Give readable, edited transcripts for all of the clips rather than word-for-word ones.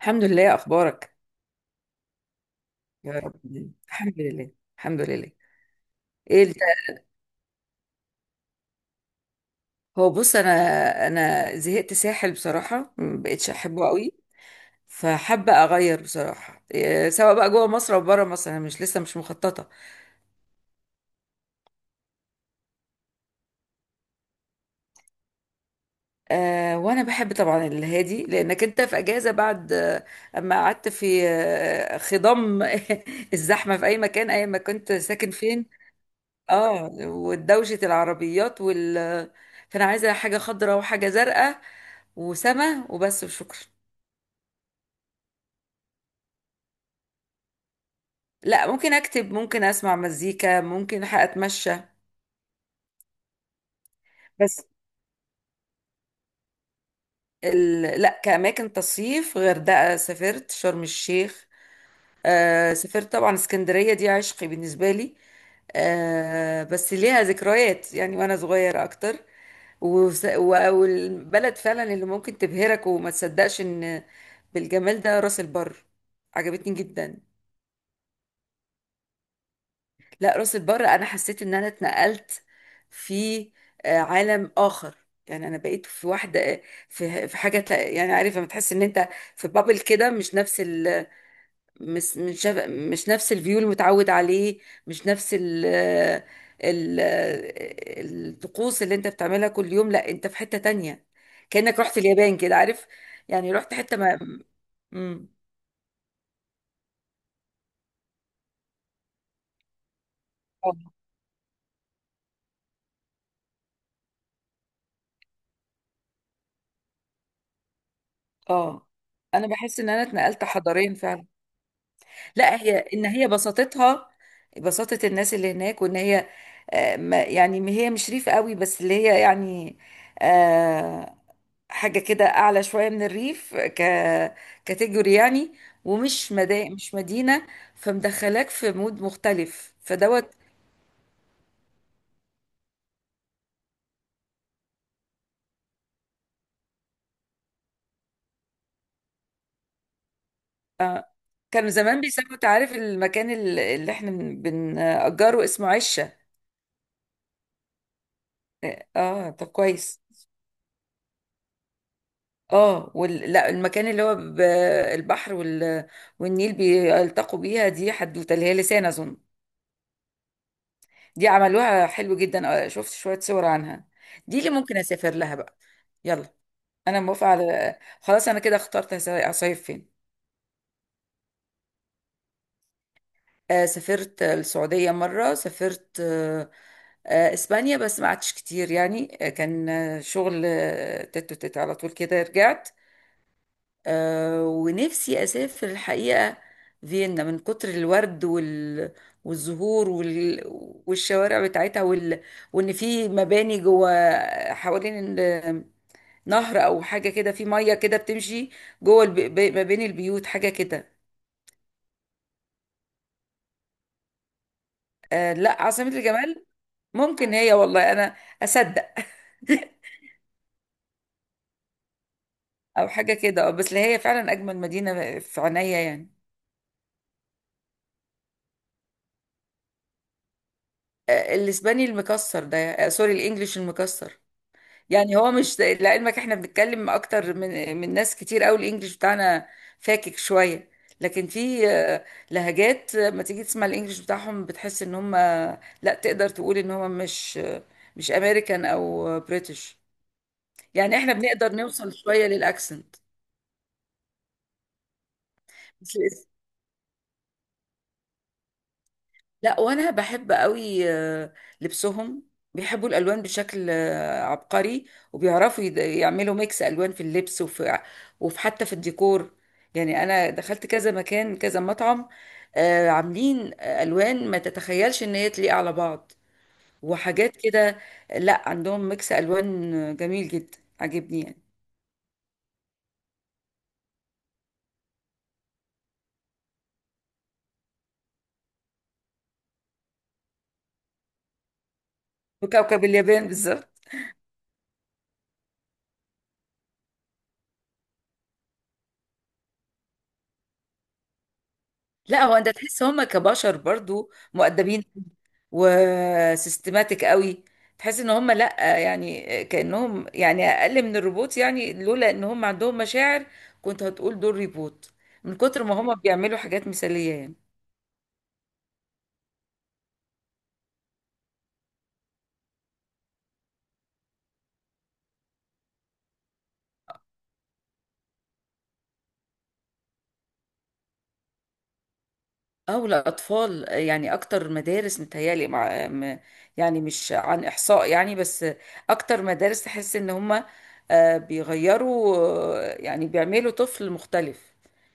الحمد لله. اخبارك؟ يا رب. الحمد لله. الحمد لله. ايه الت- هو بص انا زهقت ساحل بصراحه، ما بقتش احبه قوي. فحابه اغير بصراحه، سواء بقى جوه مصر او بره مصر. انا مش لسه مش مخططه. أه، وانا بحب طبعا الهادي لانك انت في اجازه بعد، اما قعدت في خضم الزحمه في اي مكان، اي ما كنت ساكن فين. اه، ودوشه العربيات فانا عايزه حاجه خضراء وحاجه زرقاء وسما، وبس وشكرا. لا، ممكن اكتب، ممكن اسمع مزيكا، ممكن اتمشى. بس لا، كأماكن تصيف غردقة، سافرت شرم الشيخ. سافرت طبعا اسكندرية، دي عشقي بالنسبة لي. بس ليها ذكريات يعني، وانا صغيرة اكتر. والبلد فعلا اللي ممكن تبهرك وما تصدقش ان بالجمال ده راس البر. عجبتني جدا. لا، راس البر انا حسيت ان انا اتنقلت في عالم اخر. يعني انا بقيت في واحده. يعني عارفه لما تحس ان انت في بابل كده. مش نفس الفيو المتعود عليه. مش نفس ال ال الطقوس اللي انت بتعملها كل يوم. لا، انت في حته تانية كانك رحت اليابان كده، عارف؟ يعني رحت حته ما. مم. اه. آه. انا بحس ان انا اتنقلت حضاريا فعلا. لا، هي ان هي بساطتها، بساطة الناس اللي هناك، وان هي يعني ما هي مش ريف قوي، بس اللي هي يعني آه، حاجة كده اعلى شوية من الريف، كاتيجوري يعني. ومش مش مدينة. فمدخلاك في مود مختلف فدوت. آه، كانوا زمان بيسموا، تعرف المكان اللي احنا بنأجره اسمه عشة. اه طب كويس. اه لا، المكان اللي هو البحر والنيل بيلتقوا بيها دي، حدوته اللي هي لسان اظن. دي عملوها حلو جدا. شفت شوية صور عنها. دي اللي ممكن اسافر لها بقى. يلا. انا موافقة. على خلاص انا كده اخترت هصيف فين. سافرت السعودية مرة، سافرت اسبانيا. بس ما قعدتش كتير يعني. كان شغل تت وتت على طول كده رجعت. آه، ونفسي أسافر الحقيقة فيينا، من كتر الورد والزهور والشوارع بتاعتها وإن في مباني جوه حوالين نهر أو حاجة كده، في مية كده بتمشي جوه ما بين البيوت حاجة كده. آه، لا عاصمة الجمال. ممكن هي، والله أنا أصدق. أو حاجة كده. بس اللي هي فعلا أجمل مدينة في عينيا يعني. آه، الإسباني المكسر ده. سوري الإنجليش المكسر. يعني هو، مش لعلمك، احنا بنتكلم اكتر من ناس كتير قوي، الانجليش بتاعنا فاكك شويه. لكن في لهجات. لما تيجي تسمع الانجليش بتاعهم بتحس ان هم لا، تقدر تقول ان هم مش مش امريكان او بريتش. يعني احنا بنقدر نوصل شويه للاكسنت. لا، وانا بحب قوي لبسهم. بيحبوا الالوان بشكل عبقري. وبيعرفوا يعملوا ميكس الوان في اللبس وفي حتى في الديكور. يعني انا دخلت كذا مكان كذا مطعم. عاملين الوان ما تتخيلش ان هي تليق على بعض، وحاجات كده. لا، عندهم ميكس الوان جميل جدا، عجبني يعني. وكوكب اليابان بالظبط. لا، هو انت تحس هم كبشر برضو مؤدبين، وسيستماتيك قوي. تحس ان هم، لا يعني، كأنهم يعني اقل من الروبوت يعني. لولا ان هم عندهم مشاعر كنت هتقول دول ريبوت من كتر ما هم بيعملوا حاجات مثالية يعني. او الاطفال. يعني اكتر مدارس متهيالي مع يعني مش عن احصاء يعني، بس اكتر مدارس تحس ان هم بيغيروا. يعني بيعملوا طفل مختلف.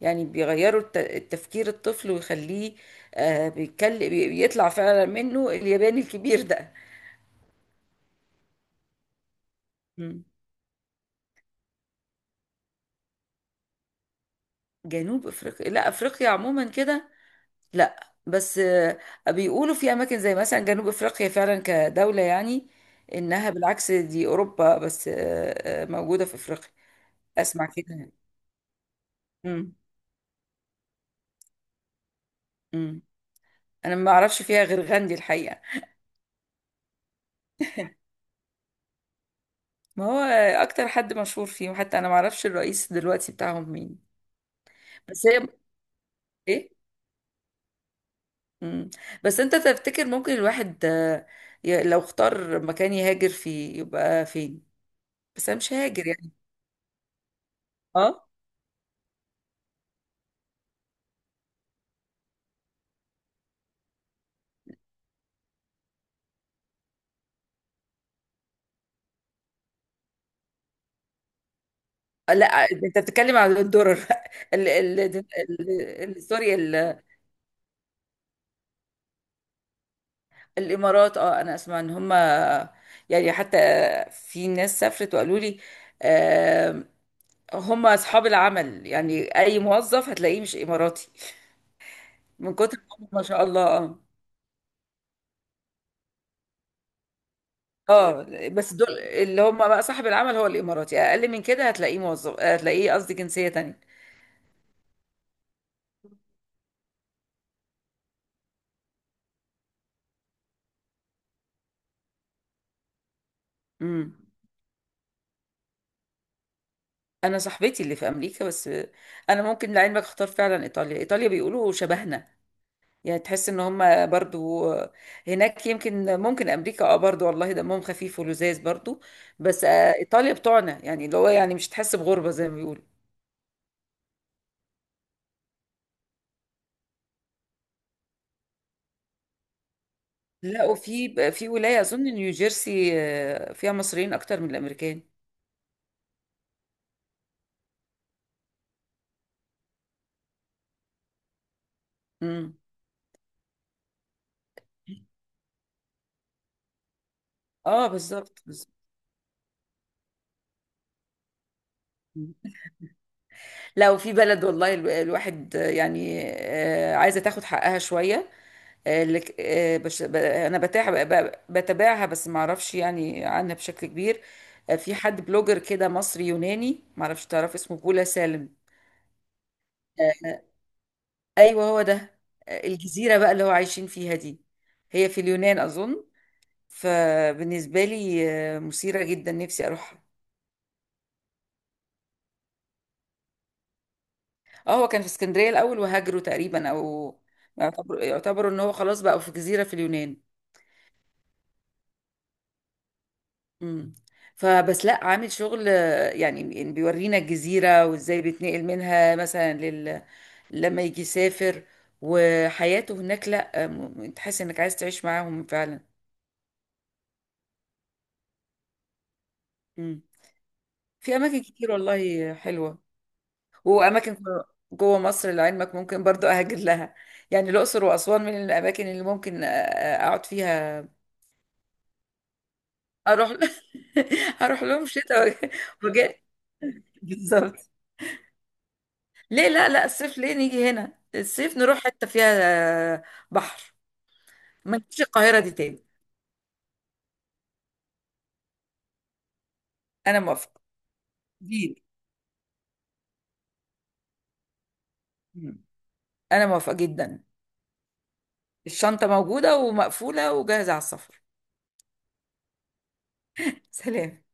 يعني بيغيروا التفكير الطفل ويخليه بيطلع فعلا منه الياباني الكبير ده. مم. جنوب افريقيا؟ لا، افريقيا عموما كده، لا. بس بيقولوا في اماكن زي مثلا جنوب افريقيا فعلا كدولة، يعني انها بالعكس دي اوروبا بس موجودة في افريقيا. اسمع كده يعني. امم. امم. انا ما اعرفش فيها غير غاندي الحقيقة. ما هو اكتر حد مشهور فيهم، حتى انا ما اعرفش الرئيس دلوقتي بتاعهم مين. بس هي. ايه. امم. بس انت تفتكر ممكن الواحد لو اختار مكان يهاجر فيه يبقى فين؟ بس انا مش هاجر يعني. اه. لا، انت بتتكلم على الدرر. ال ال ال سوري الامارات. اه، انا اسمع ان هم يعني، حتى في ناس سافرت وقالوا لي هم اصحاب العمل. يعني اي موظف هتلاقيه مش اماراتي، من كتر ما هم ما شاء الله. اه. اه، بس دول اللي هم بقى صاحب العمل هو الاماراتي، اقل من كده هتلاقيه موظف، هتلاقيه قصدي جنسية تانية. امم. انا صاحبتي اللي في امريكا بس. انا ممكن، لعلمك، اختار فعلا ايطاليا. ايطاليا بيقولوا شبهنا، يعني تحس ان هم برضو هناك. يمكن ممكن امريكا، اه برضو، والله دمهم خفيف ولذاذ برضو. بس ايطاليا بتوعنا يعني، اللي هو يعني مش تحس بغربة زي ما بيقولوا. لا، وفي ولاية اظن نيوجيرسي فيها مصريين اكتر من الامريكان. امم. اه، بالظبط بالظبط. مم. لا، وفي بلد والله الواحد عايزة تاخد حقها شوية. اللي انا بتاع بتابعها، بس ما اعرفش يعني عنها بشكل كبير. في حد بلوجر كده مصري يوناني، ما اعرفش، تعرف اسمه بولا سالم. آه، ايوه هو ده. الجزيره بقى اللي هو عايشين فيها دي، هي في اليونان اظن. فبالنسبه لي مثيره جدا، نفسي اروحها. اه، هو كان في اسكندريه الاول وهاجروا تقريبا. او يعتبروا ان هو خلاص بقى في جزيره في اليونان. مم. فبس لا، عامل شغل. يعني بيورينا الجزيرة وازاي بيتنقل منها مثلا لما يجي يسافر، وحياته هناك. لا تحس انك عايز تعيش معاهم فعلا. مم. في اماكن كتير والله حلوة. واماكن جوه مصر لعلمك ممكن برضو اهاجر لها. يعني الاقصر واسوان من الاماكن اللي ممكن اقعد فيها. اروح اروح لهم شتاء وجاء. بالظبط. ليه؟ لا لا، الصيف ليه نيجي هنا، الصيف نروح حتة فيها آه، بحر. ما نجيش القاهرة دي تاني. انا موافقة دي. انا موافقة جدا. الشنطة موجودة ومقفولة وجاهزة على السفر. سلام.